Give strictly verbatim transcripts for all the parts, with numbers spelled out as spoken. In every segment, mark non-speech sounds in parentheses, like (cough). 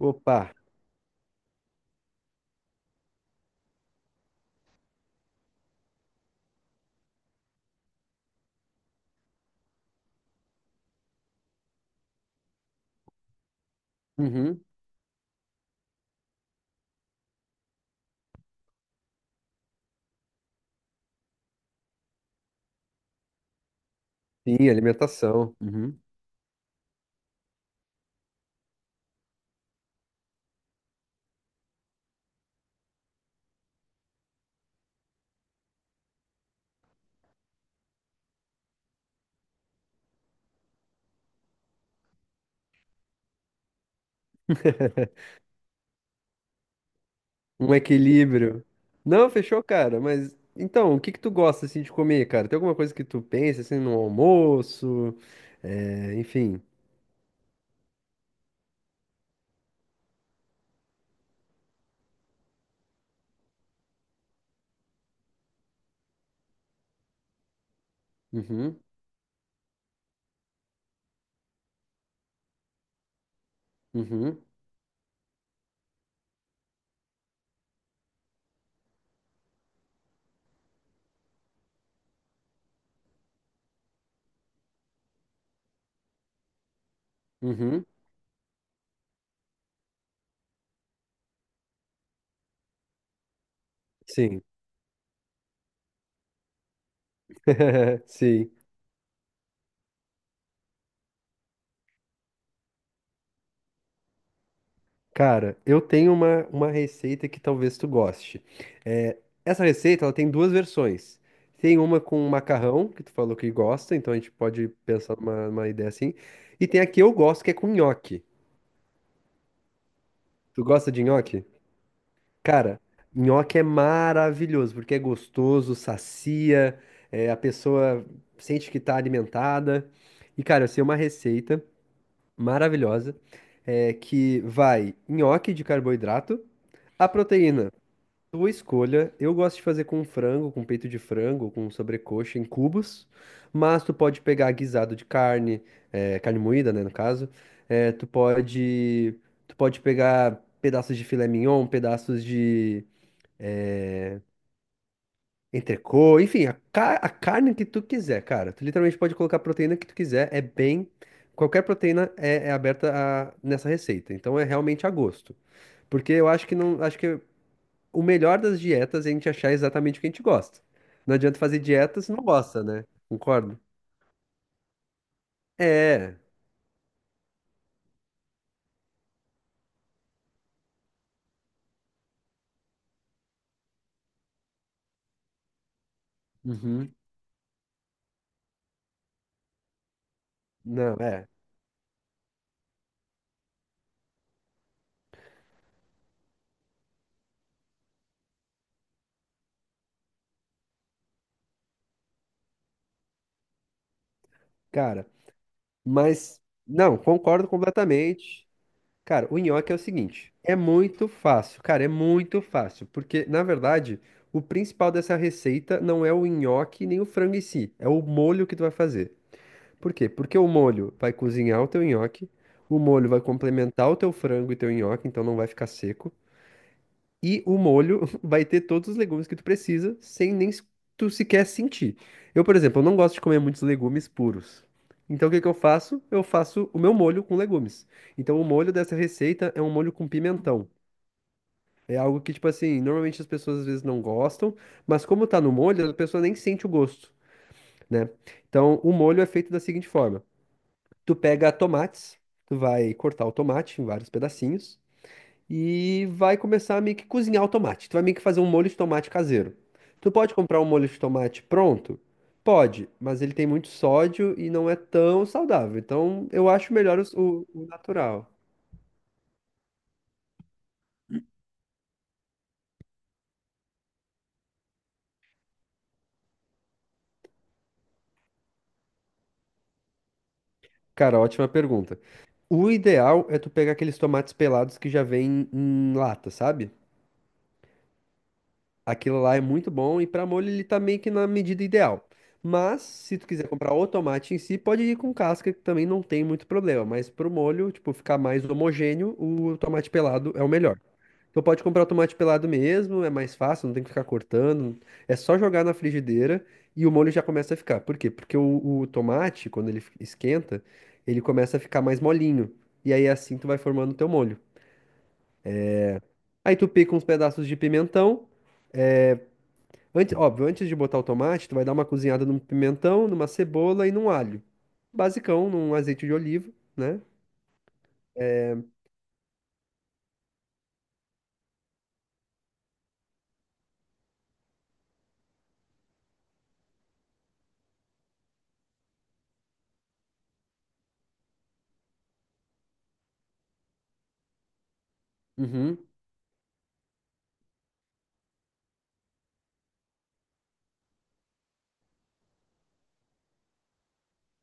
Opa. Uhum. Sim, alimentação. Uhum. (laughs) Um equilíbrio. Não, fechou, cara. Mas então, o que que tu gosta assim de comer, cara? Tem alguma coisa que tu pensa assim no almoço? É, enfim. Uhum, uhum, uhum. Sim. (laughs) Sim. Cara, eu tenho uma, uma receita que talvez tu goste. É, essa receita, ela tem duas versões. Tem uma com macarrão, que tu falou que gosta, então a gente pode pensar numa, numa ideia assim. E tem a que eu gosto, que é com nhoque. Tu gosta de nhoque? Cara, nhoque é maravilhoso, porque é gostoso, sacia, é, a pessoa sente que tá alimentada. E, cara, eu sei uma receita maravilhosa, é, que vai nhoque de carboidrato, a proteína. Tua escolha. Eu gosto de fazer com frango, com peito de frango, com sobrecoxa em cubos, mas tu pode pegar guisado de carne, eh, carne moída, né, no caso. Eh, tu pode, tu pode pegar pedaços de filé mignon, pedaços de eh, entrecô, enfim, a, ca- a carne que tu quiser, cara. Tu literalmente pode colocar a proteína que tu quiser. É bem, qualquer proteína é, é aberta a- nessa receita. Então é realmente a gosto, porque eu acho que não, acho que o melhor das dietas é a gente achar exatamente o que a gente gosta. Não adianta fazer dieta se não gosta, né? Concordo? É. Uhum. Não, é. Cara, mas. Não, concordo completamente. Cara, o nhoque é o seguinte: é muito fácil, cara, é muito fácil. Porque, na verdade, o principal dessa receita não é o nhoque nem o frango em si, é o molho que tu vai fazer. Por quê? Porque o molho vai cozinhar o teu nhoque, o molho vai complementar o teu frango e teu nhoque, então não vai ficar seco. E o molho (laughs) vai ter todos os legumes que tu precisa, sem nem se- tu sequer sentir. Eu, por exemplo, eu não gosto de comer muitos legumes puros. Então, o que que eu faço? Eu faço o meu molho com legumes. Então, o molho dessa receita é um molho com pimentão. É algo que, tipo assim, normalmente as pessoas às vezes não gostam, mas como tá no molho, a pessoa nem sente o gosto, né? Então, o molho é feito da seguinte forma: tu pega tomates, tu vai cortar o tomate em vários pedacinhos e vai começar a meio que cozinhar o tomate. Tu vai meio que fazer um molho de tomate caseiro. Tu pode comprar um molho de tomate pronto? Pode, mas ele tem muito sódio e não é tão saudável. Então eu acho melhor os- o, o natural. Cara, ótima pergunta. O ideal é tu pegar aqueles tomates pelados que já vem em lata, sabe? Aquilo lá é muito bom e para molho ele tá meio que na medida ideal. Mas se tu quiser comprar o tomate em si, pode ir com casca que também não tem muito problema, mas pro molho, tipo, ficar mais homogêneo, o tomate pelado é o melhor. Então pode comprar o tomate pelado mesmo, é mais fácil, não tem que ficar cortando, é só jogar na frigideira e o molho já começa a ficar. Por quê? Porque o, o tomate, quando ele esquenta, ele começa a ficar mais molinho. E aí assim tu vai formando o teu molho. Aí tu pica uns pedaços de pimentão. Antes, óbvio, antes de botar o tomate, tu vai dar uma cozinhada num pimentão, numa cebola e num alho. Basicão, num azeite de oliva, né? Uhum.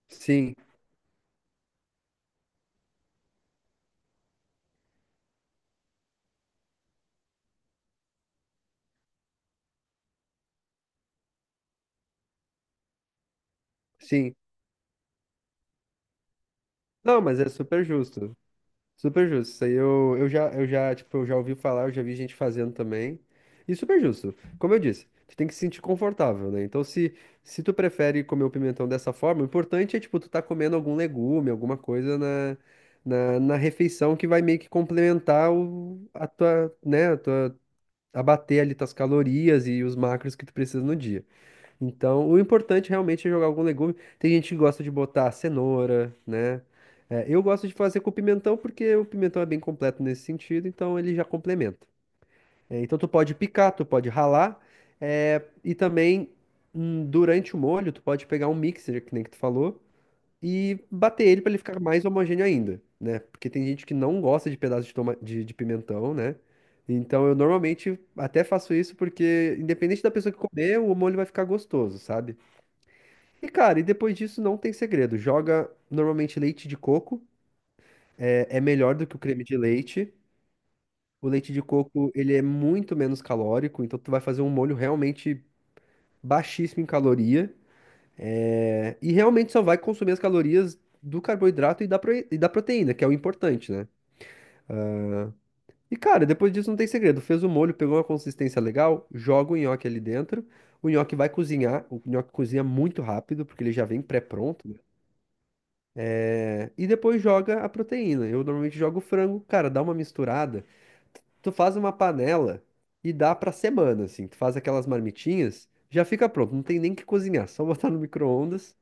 Sim, sim. Não, mas é super justo. Super justo. Isso aí eu, eu já, eu já, tipo, eu já ouvi falar, eu já vi gente fazendo também. E super justo. Como eu disse, tu tem que se sentir confortável, né? Então, se, se tu prefere comer o pimentão dessa forma, o importante é, tipo, tu tá comendo algum legume, alguma coisa na, na, na refeição que vai meio que complementar o, a tua, né, a tua abater ali tuas calorias e os macros que tu precisa no dia. Então, o importante realmente é jogar algum legume. Tem gente que gosta de botar cenoura, né? É, eu gosto de fazer com pimentão porque o pimentão é bem completo nesse sentido, então ele já complementa. É, então tu pode picar, tu pode ralar, é, e também hum, durante o molho tu pode pegar um mixer, que nem que tu falou, e bater ele para ele ficar mais homogêneo ainda, né? Porque tem gente que não gosta de pedaço de, toma- de, de pimentão, né? Então eu normalmente até faço isso porque, independente da pessoa que comer, o molho vai ficar gostoso, sabe? E cara, e depois disso não tem segredo. Joga normalmente leite de coco, é, é melhor do que o creme de leite. O leite de coco, ele é muito menos calórico, então tu vai fazer um molho realmente baixíssimo em caloria. É, e realmente só vai consumir as calorias do carboidrato e da, proi- e da proteína, que é o importante, né? E cara, depois disso não tem segredo. Fez o molho, pegou uma consistência legal, joga o nhoque ali dentro. O nhoque vai cozinhar, o nhoque cozinha muito rápido, porque ele já vem pré-pronto, né? É, e depois joga a proteína. Eu normalmente jogo o frango, cara, dá uma misturada. Tu faz uma panela e dá pra semana, assim. Tu faz aquelas marmitinhas, já fica pronto, não tem nem que cozinhar, só botar no micro-ondas.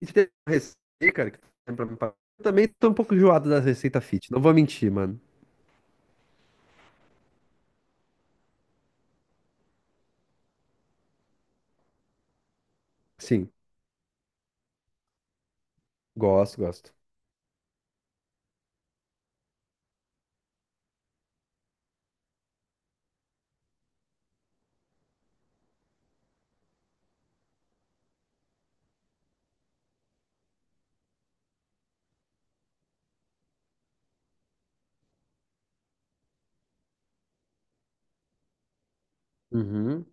E se tem uma receita, cara, que tá pra mim pra- eu também tô um pouco enjoado das receitas fit. Não vou mentir, mano. Sim, gosto, gosto. Uhum,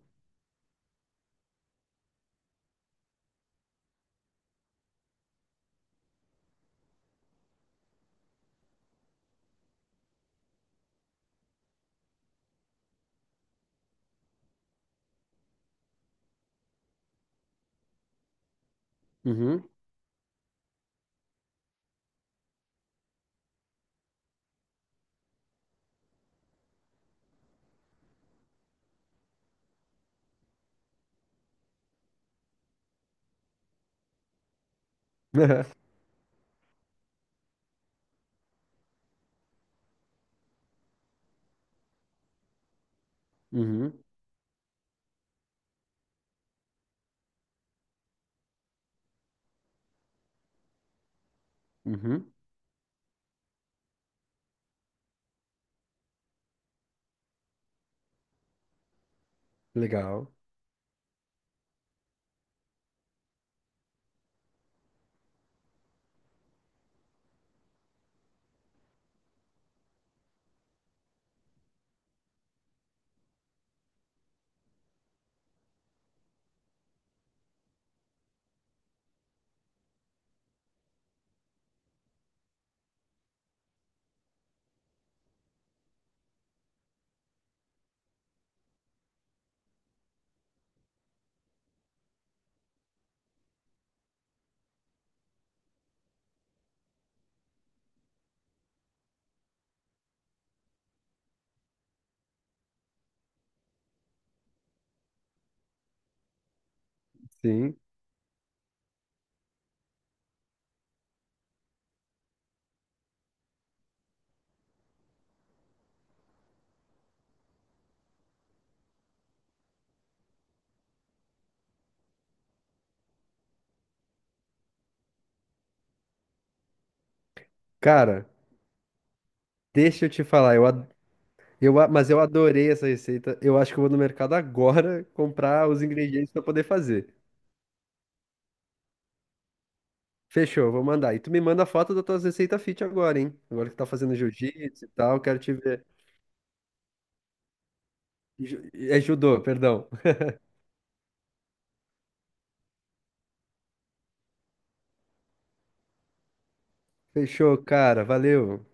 uhum, (laughs) uhum, uhum. Legal. Sim. Cara, deixa eu te falar, eu, ad- eu, a- mas eu adorei essa receita. Eu acho que eu vou no mercado agora (laughs) comprar os ingredientes pra poder fazer. Fechou, vou mandar. E tu me manda a foto das tuas receitas fit agora, hein? Agora que tá fazendo jiu-jitsu e tal, quero te ver. Ju- É judô, perdão. (laughs) Fechou, cara. Valeu.